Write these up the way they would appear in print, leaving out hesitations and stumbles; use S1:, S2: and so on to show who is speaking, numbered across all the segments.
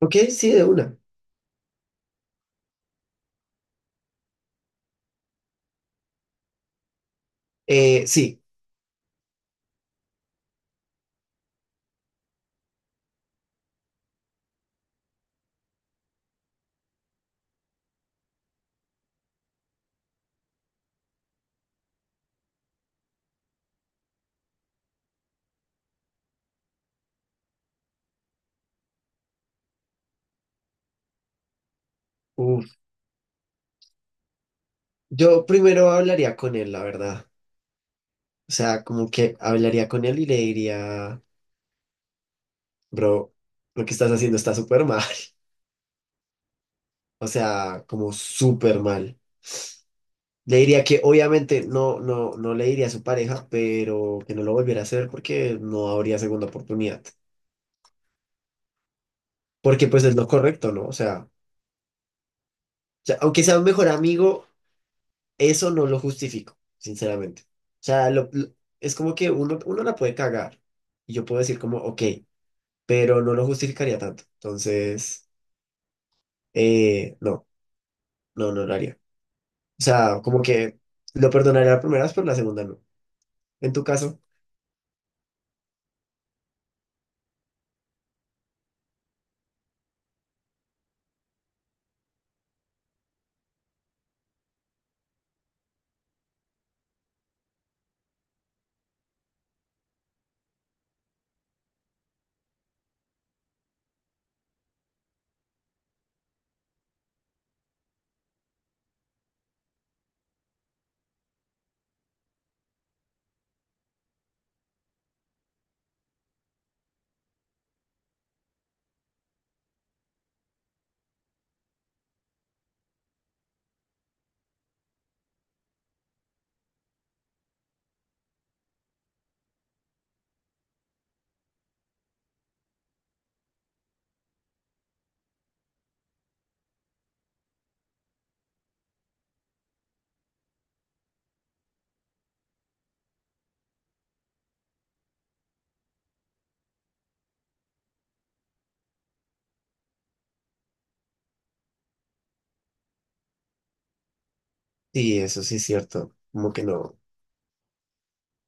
S1: Ok, sí, de una. Eh, sí, uf, yo primero hablaría con él, la verdad. O sea, como que hablaría con él y le diría, bro, lo que estás haciendo está súper mal. O sea, como súper mal. Le diría que obviamente no, no, no le diría a su pareja, pero que no lo volviera a hacer porque no habría segunda oportunidad. Porque pues es lo correcto, ¿no? O sea, aunque sea un mejor amigo. Eso no lo justifico, sinceramente. O sea, es como que uno la puede cagar. Y yo puedo decir como, ok, pero no lo justificaría tanto. Entonces, no, no lo haría. O sea, como que lo perdonaría la primera vez, pero la segunda no. En tu caso, sí, eso sí es cierto. Como que no.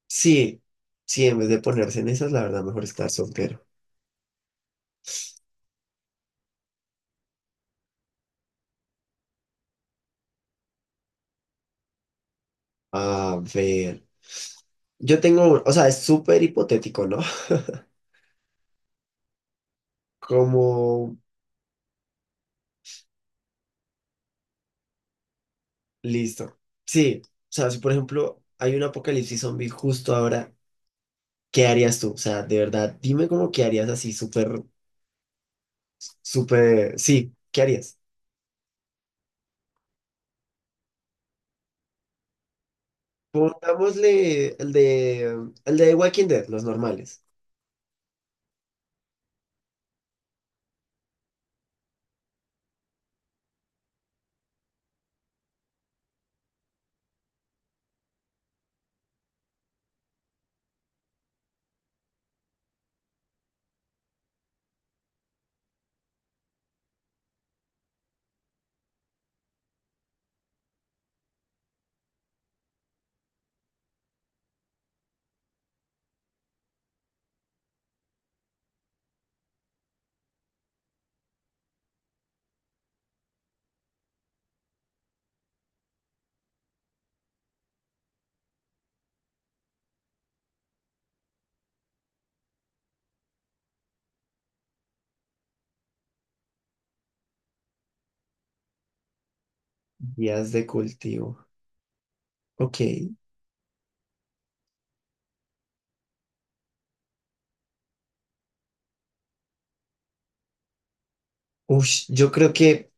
S1: Sí, sí, en vez de ponerse en esas, la verdad, mejor estar soltero. A ver, yo tengo, o sea, es súper hipotético, ¿no? Como Listo. Sí, o sea, si por ejemplo hay un apocalipsis zombie justo ahora, ¿qué harías tú? O sea, de verdad, dime cómo qué harías así, súper, súper, sí, ¿qué harías? Pongámosle el de Walking Dead, los normales. Días de cultivo. Ok. Ush, yo creo que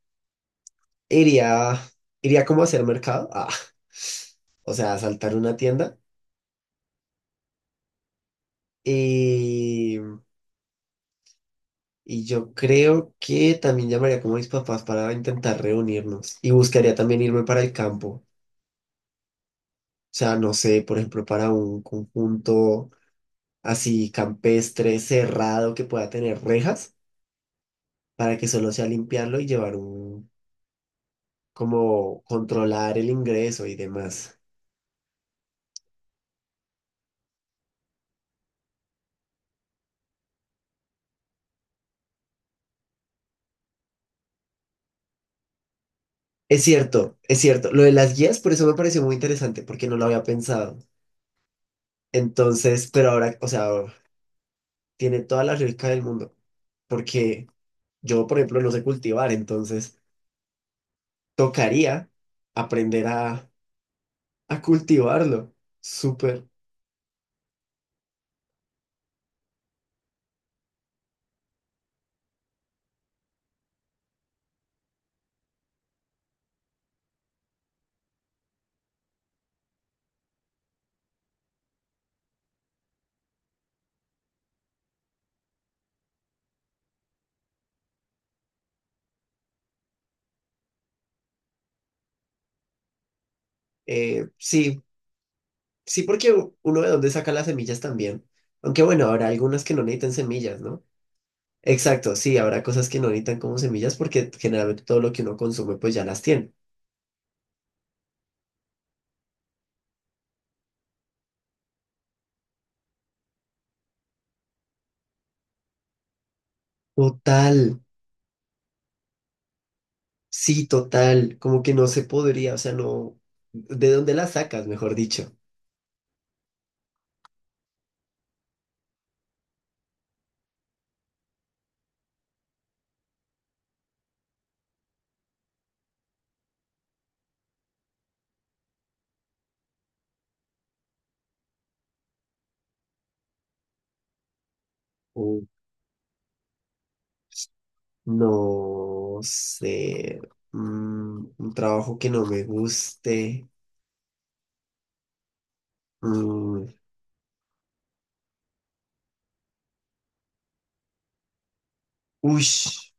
S1: iría, iría como a hacer mercado. Ah. O sea, a saltar una tienda. Y yo creo que también llamaría como a mis papás para intentar reunirnos y buscaría también irme para el campo. O sea, no sé, por ejemplo, para un conjunto así campestre, cerrado, que pueda tener rejas, para que solo sea limpiarlo y llevar un, como controlar el ingreso y demás. Es cierto, es cierto. Lo de las guías, por eso me pareció muy interesante, porque no lo había pensado. Entonces, pero ahora, o sea, tiene toda la lógica del mundo, porque yo, por ejemplo, no sé cultivar, entonces tocaría aprender a cultivarlo. Súper. Sí, sí, porque uno de dónde saca las semillas también. Aunque bueno, habrá algunas que no necesitan semillas, ¿no? Exacto, sí, habrá cosas que no necesitan como semillas porque generalmente todo lo que uno consume pues ya las tiene. Total, sí, total, como que no se podría, o sea, no, ¿de dónde las sacas, mejor dicho? No sé, mm, un trabajo que no me guste. Mm, ush.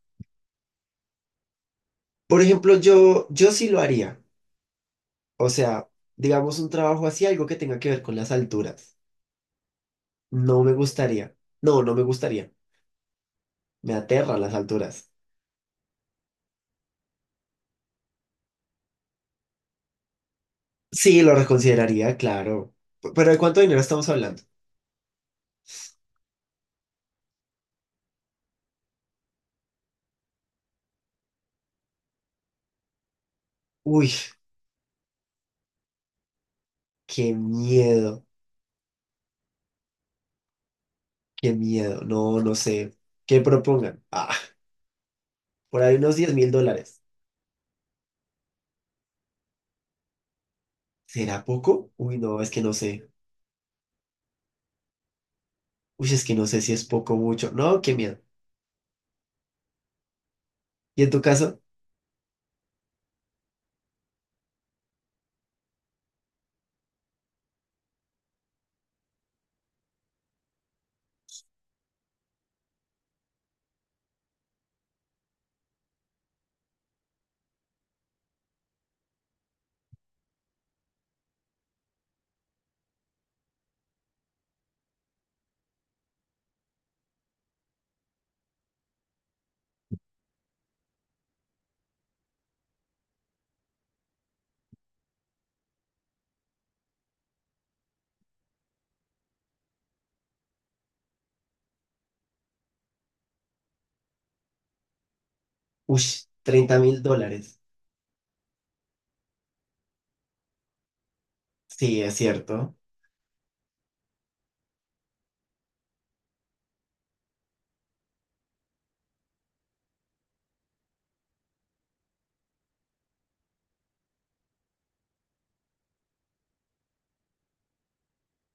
S1: Por ejemplo, yo sí lo haría. O sea, digamos un trabajo así, algo que tenga que ver con las alturas. No me gustaría. No, no me gustaría. Me aterran las alturas. Sí, lo reconsideraría, claro. Pero ¿de cuánto dinero estamos hablando? Uy, qué miedo, qué miedo. No, no sé. ¿Qué propongan? Ah, por ahí unos $10.000. ¿Será poco? Uy, no, es que no sé. Uy, es que no sé si es poco o mucho. No, qué miedo. ¿Y en tu caso? Uy, $30.000. Sí, es cierto.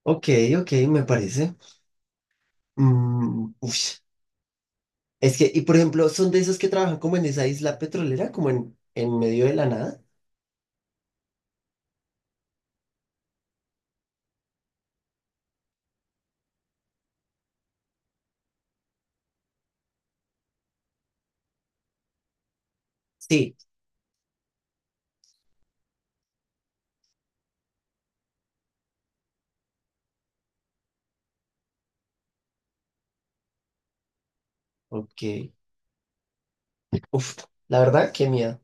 S1: Ok, ok, me parece. Mm, uy, es que, y por ejemplo, ¿son de esos que trabajan como en esa isla petrolera, como en medio de la nada? Sí, ok. Uf, la verdad, qué miedo.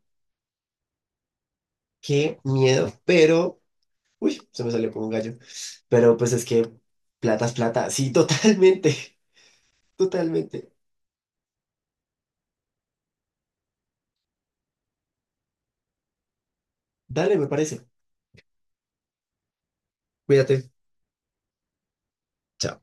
S1: Qué miedo, pero Uy, se me salió como un gallo. Pero pues es que plata es plata. Sí, totalmente. Totalmente. Dale, me parece. Cuídate. Chao.